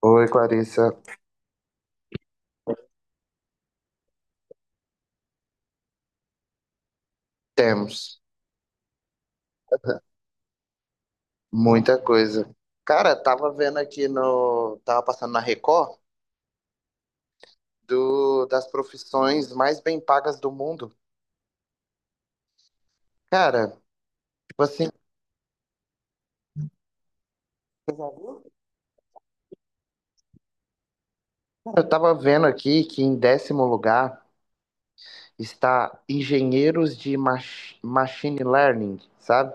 Oi, Clarissa. Temos muita coisa. Cara, tava vendo aqui no. Tava passando na Record das profissões mais bem pagas do mundo. Cara, tipo assim, eu tava vendo aqui que em 10º lugar está engenheiros de machine learning, sabe?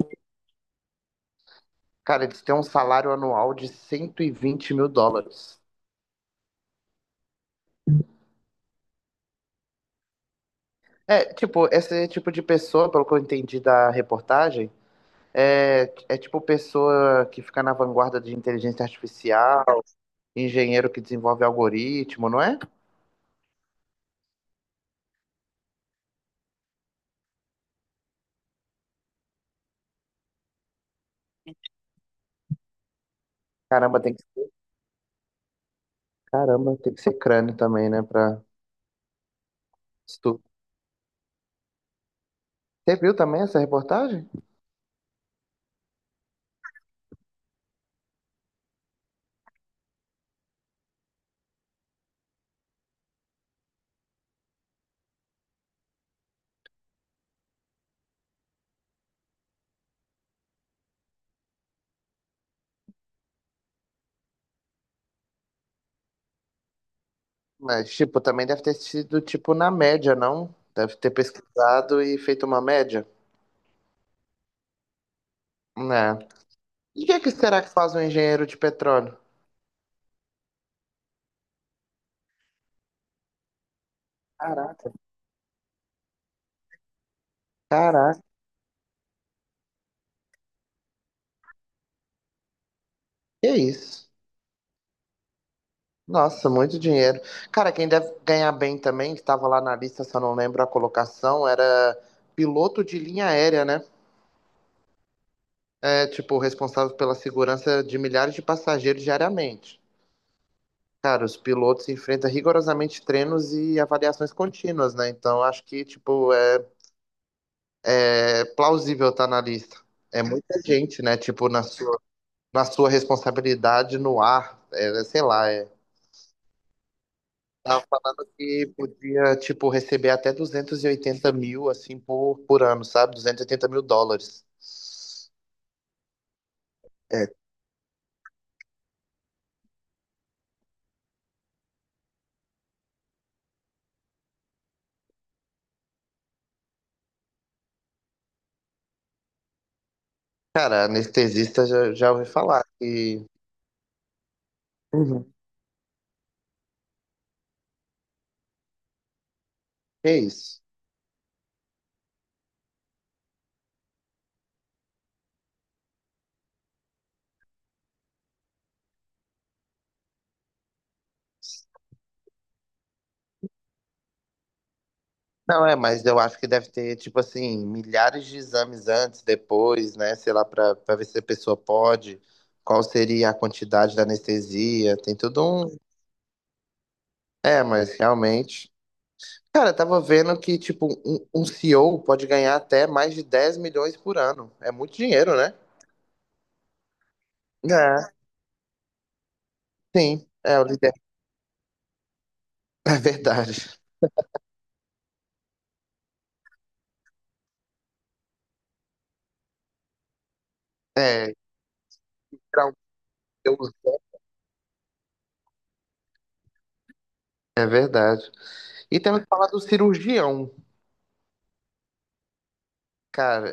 Cara, eles têm um salário anual de US$ 120 mil. É, tipo, esse tipo de pessoa, pelo que eu entendi da reportagem. É, é tipo pessoa que fica na vanguarda de inteligência artificial, engenheiro que desenvolve algoritmo, não é? Caramba, tem que ser crânio também, né? Pra estudar. Você viu também essa reportagem? Mas, tipo, também deve ter sido, tipo, na média, não? Deve ter pesquisado e feito uma média. Né? E o que é que será que faz um engenheiro de petróleo? Caraca. Caraca, que é isso? Nossa, muito dinheiro. Cara, quem deve ganhar bem também, que estava lá na lista, só não lembro a colocação, era piloto de linha aérea, né? É, tipo, responsável pela segurança de milhares de passageiros diariamente. Cara, os pilotos enfrentam rigorosamente treinos e avaliações contínuas, né? Então, acho que, tipo, é plausível estar na lista. É muita gente, né? Tipo, na sua responsabilidade no ar, é, sei lá, Tava falando que podia, tipo, receber até 280 mil, assim, por, ano, sabe? US$ 280 mil. É, cara, anestesista já ouvi falar que... Uhum. É isso. Não, é, mas eu acho que deve ter, tipo assim, milhares de exames antes, depois, né? Sei lá, pra ver se a pessoa pode, qual seria a quantidade da anestesia, tem tudo um... É, mas realmente... Cara, eu tava vendo que, tipo, um CEO pode ganhar até mais de 10 milhões por ano. É muito dinheiro, né? É, sim. É, o líder. É verdade. É, tirar um CEO. É verdade. E temos que falar do cirurgião. Cara,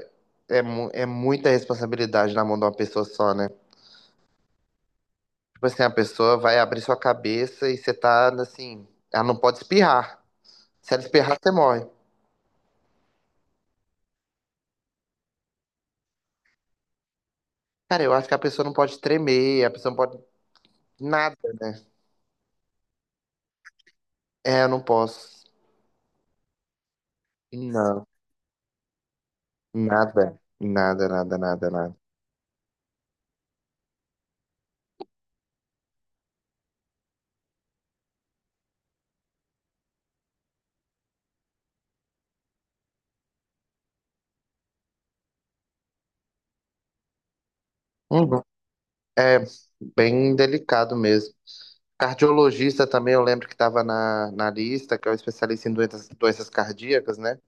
é muita responsabilidade na mão de uma pessoa só, né? Tipo assim, a pessoa vai abrir sua cabeça e você tá, assim, ela não pode espirrar. Se ela espirrar, você morre. Cara, eu acho que a pessoa não pode tremer, a pessoa não pode nada, né? É, eu não posso. Não. Nada, nada, nada, nada, nada. Uhum. É bem delicado mesmo. Cardiologista também, eu lembro que estava na lista, que é o especialista em doenças cardíacas, né?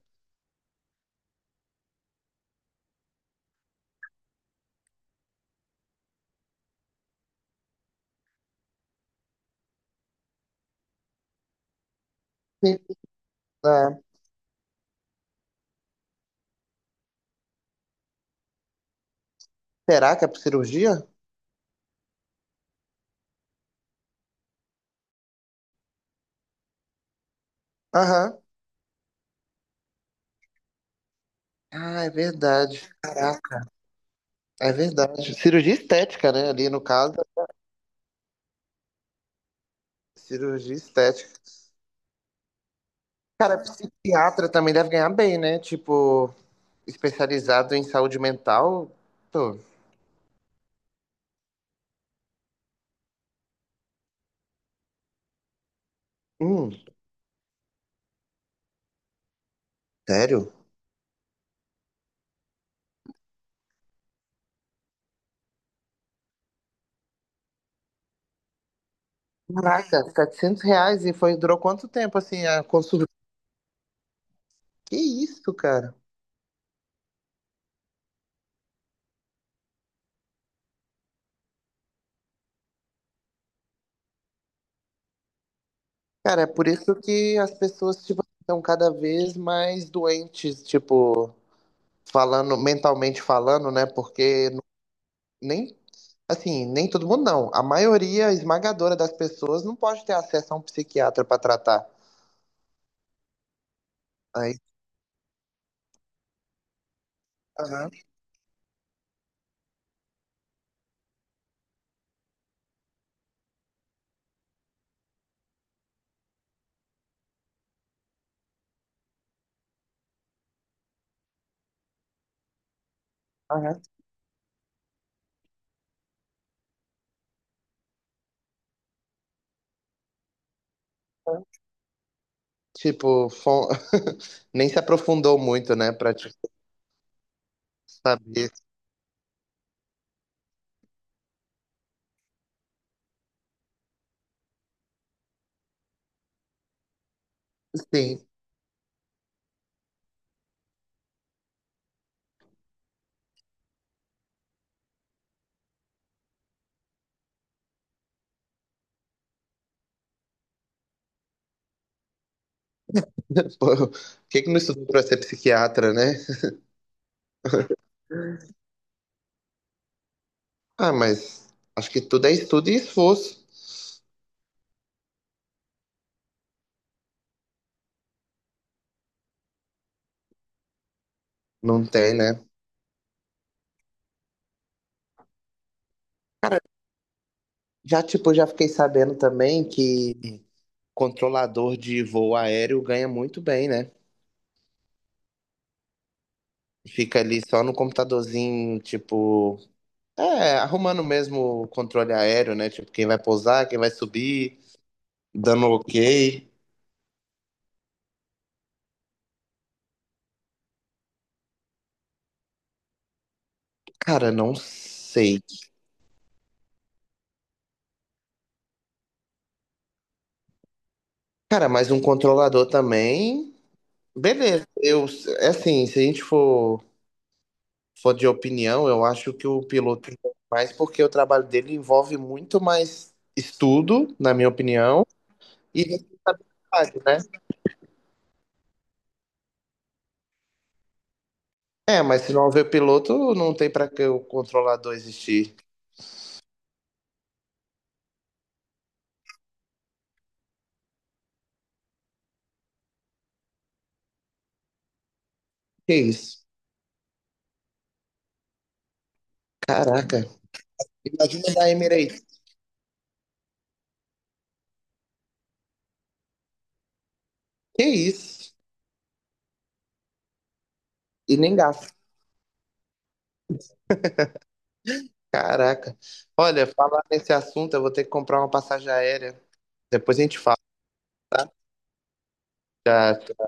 Sim. Ah, será que é por cirurgia? Aham. Ah, é verdade. Caraca, é verdade. Cirurgia estética, né? Ali no caso, cirurgia estética. Cara, psiquiatra também deve ganhar bem, né? Tipo, especializado em saúde mental. Pô, hum, sério? Caraca, R$ 700 e foi, durou quanto tempo assim a consulta? Que isso, cara? Cara, é por isso que as pessoas, tipo, estão cada vez mais doentes, tipo, falando, mentalmente falando, né? Porque nem, assim, nem todo mundo não. A maioria esmagadora das pessoas não pode ter acesso a um psiquiatra pra tratar. Aí, aham, aham. Aham. Tipo, nem se aprofundou muito, né, pra tipo, saber. Sim. Por que que não estudou para ser psiquiatra, né? Ah, mas acho que tudo é estudo e esforço. Não tem, né? Já, tipo, já fiquei sabendo também que controlador de voo aéreo ganha muito bem, né? Fica ali só no computadorzinho, tipo, é, arrumando mesmo o controle aéreo, né? Tipo, quem vai pousar, quem vai subir, dando OK. Cara, não sei. Cara, mas um controlador também, beleza. Eu, é assim, se a gente for de opinião, eu acho que o piloto envolve mais porque o trabalho dele envolve muito mais estudo, na minha opinião, e responsabilidade, né? É, mas se não houver piloto, não tem para que o controlador existir. Que isso? Caraca. Imagina da Emirates. Que isso? E nem gasto. Caraca. Olha, falar nesse assunto, eu vou ter que comprar uma passagem aérea. Depois a gente fala. Já